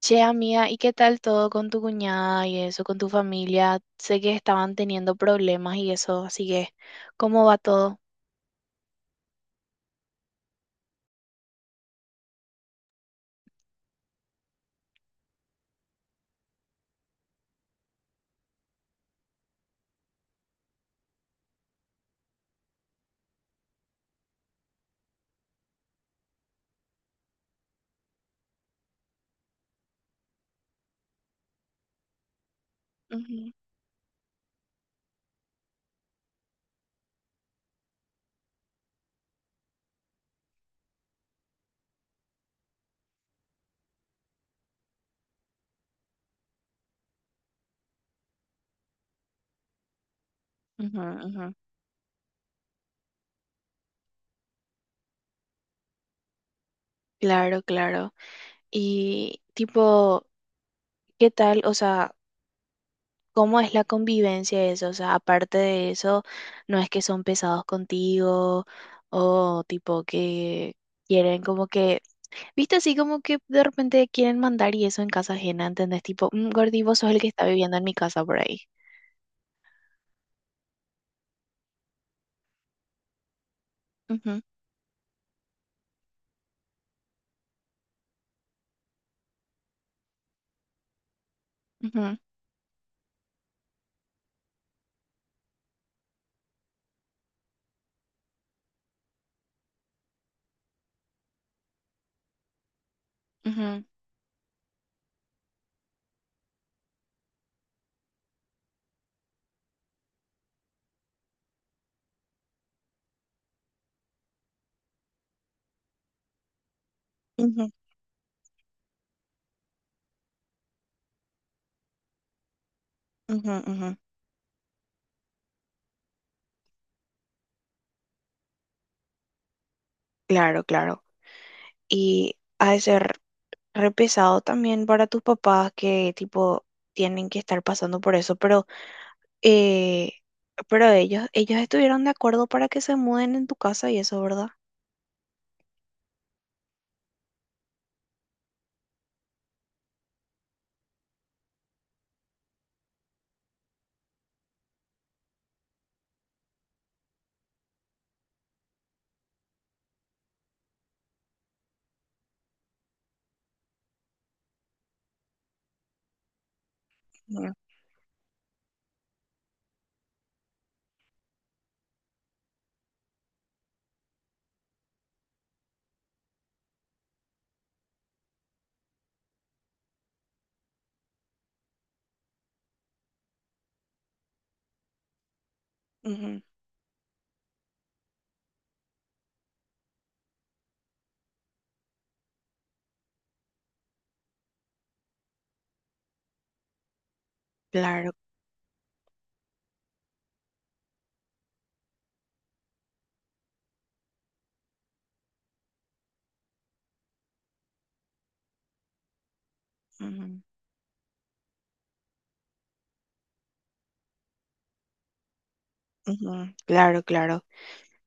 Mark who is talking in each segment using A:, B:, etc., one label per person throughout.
A: Che, amiga, ¿y qué tal todo con tu cuñada y eso, con tu familia? Sé que estaban teniendo problemas y eso, así que, ¿cómo va todo? Ujú, ujú, ujú. Claro, claro. Y tipo, ¿qué tal? O sea, ¿cómo es la convivencia de eso? O sea, aparte de eso, ¿no es que son pesados contigo o tipo que quieren como que, viste así como que de repente quieren mandar y eso en casa ajena, ¿entendés? Tipo, "Mm, gordi, vos sos el que está viviendo en mi casa por ahí." Ujú, ujú. Ujú, ujú, ujú. Claro, claro. Y ha de ser re pesado también para tus papás que tipo tienen que estar pasando por eso, eh, pero ellos estuvieron de acuerdo para que se muden en tu casa y eso, ¿verdad? Ujú, ujú. Claro, ujú, ujú. Claro, claro.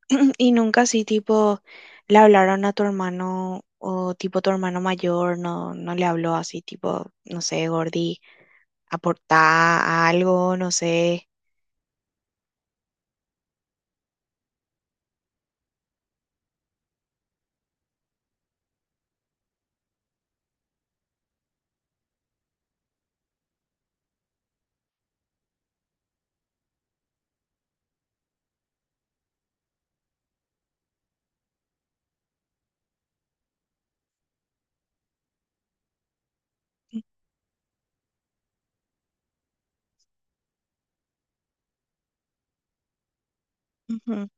A: Y nunca así, tipo, le hablaron a tu hermano o tipo tu hermano mayor, no, no le habló así, tipo, no sé, gordi, aportá algo, no sé. Ujú,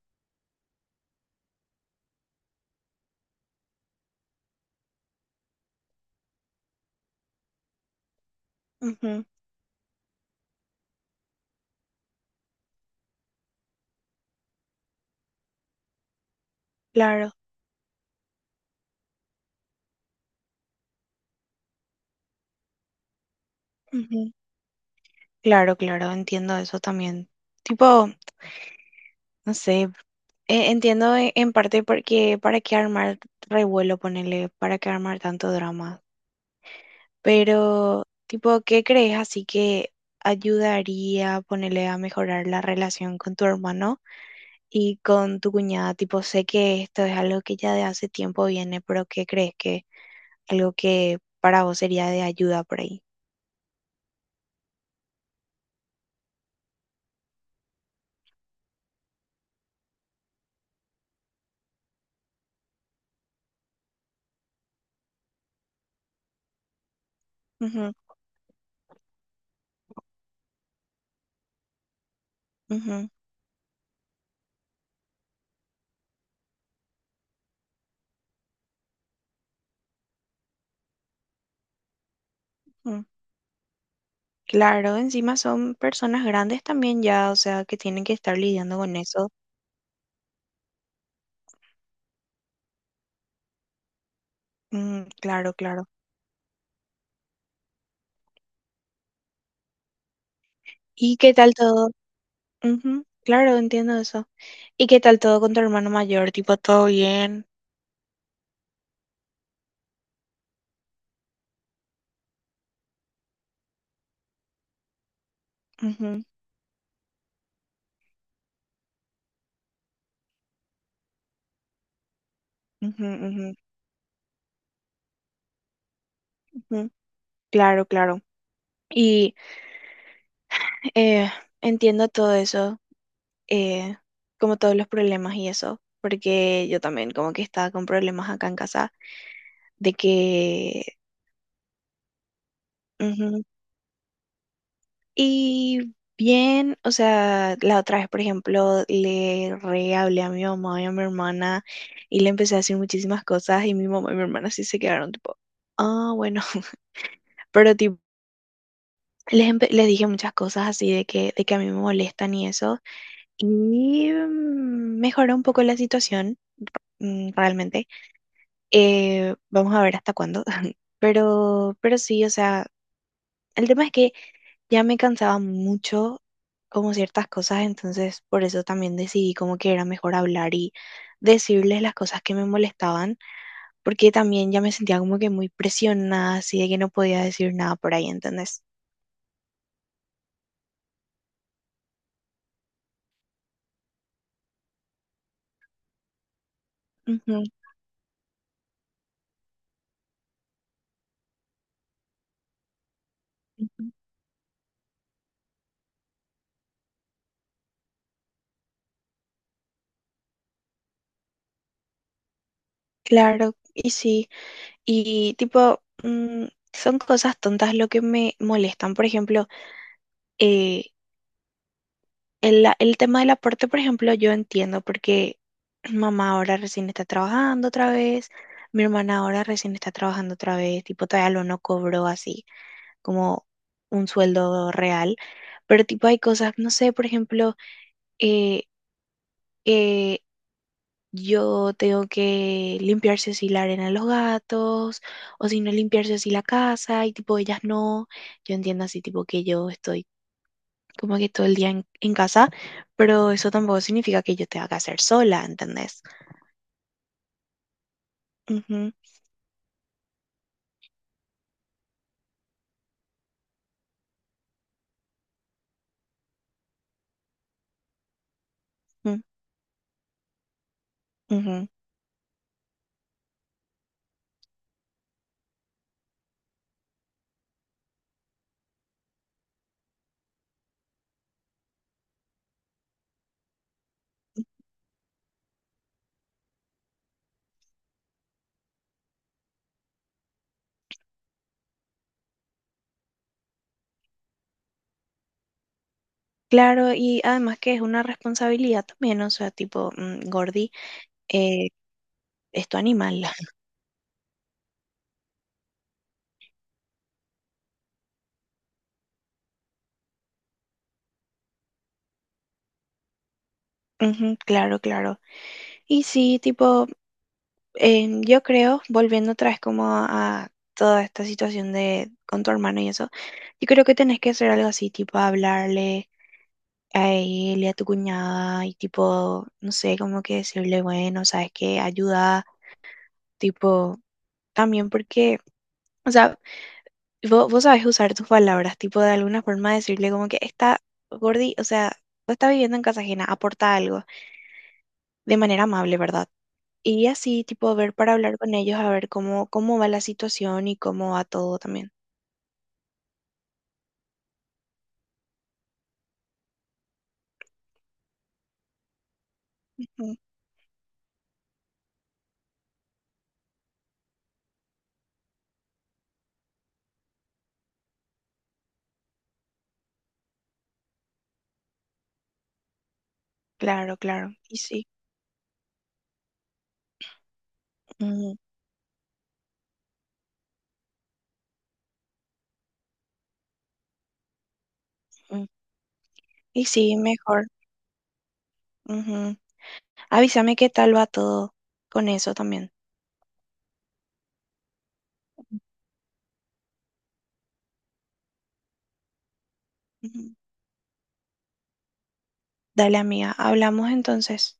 A: ujú, claro, ujú. Claro, claro, entiendo eso también. Tipo, no sé, entiendo en parte porque para qué armar revuelo, ponerle, para qué armar tanto drama. Pero, tipo, ¿qué crees así que ayudaría a ponerle a mejorar la relación con tu hermano y con tu cuñada? Tipo, sé que esto es algo que ya de hace tiempo viene, pero ¿qué crees que algo que para vos sería de ayuda por ahí? Ujú, ujú, ujú. Claro, encima son personas grandes también ya, o sea, que tienen que estar lidiando con eso. Mm, claro, claro. ¿Y qué tal todo? Ujú, claro, entiendo eso. ¿Y qué tal todo con tu hermano mayor? Tipo, todo bien. Ujú, ujú, ujú, ujú. Claro, claro. Y eh, entiendo todo eso, eh, como todos los problemas y eso, porque yo también como que estaba con problemas acá en casa, de que. Ujú. Y bien, o sea, la otra vez, por ejemplo, le re hablé a mi mamá y a mi hermana y le empecé a decir muchísimas cosas y mi mamá y mi hermana sí se quedaron tipo, ah, bueno, pero tipo. Les dije muchas cosas así de que a mí me molestan y eso. Y mejoró un poco la situación, realmente. Vamos a ver hasta cuándo. Pero sí, o sea, el tema es que ya me cansaba mucho como ciertas cosas, entonces por eso también decidí como que era mejor hablar y decirles las cosas que me molestaban, porque también ya me sentía como que muy presionada, así de que no podía decir nada por ahí, ¿entendés? Ujú, ujú. Claro, y sí. Y tipo, son cosas tontas lo que me molestan. Por ejemplo, eh, el tema del aporte, por ejemplo, yo entiendo porque mamá ahora recién está trabajando otra vez, mi hermana ahora recién está trabajando otra vez, tipo, todavía lo no cobró así como un sueldo real. Pero tipo, hay cosas, no sé, por ejemplo, eh, yo tengo que limpiarse así la arena de los gatos, o si no limpiarse así la casa, y tipo ellas no. Yo entiendo así tipo que yo estoy como que todo el día en casa, pero eso tampoco significa que yo tenga que hacer sola, ¿entendés? Ujú, ujú, ujú. Claro, y además que es una responsabilidad también, o sea, tipo, gordi, eh, es tu animal. Ujú, claro, claro. Y sí, tipo. Yo creo, volviendo otra vez como a toda esta situación de con tu hermano y eso, yo creo que tenés que hacer algo así, tipo hablarle a él y a tu cuñada y tipo, no sé, como que decirle, bueno, sabes que ayuda, tipo, también porque, o sea, vos sabes usar tus palabras, tipo, de alguna forma decirle como que está gordi, o sea, vos estás viviendo en casa ajena, aporta algo de manera amable, ¿verdad? Y así, tipo, a ver para hablar con ellos, a ver cómo, va la situación y cómo va todo también. Ujú, claro, claro. Y sí. Ujú, ujú. Y sí, mejor. Ujú. Avísame qué tal va todo con eso también. Ujú. Dale, amiga. Hablamos entonces.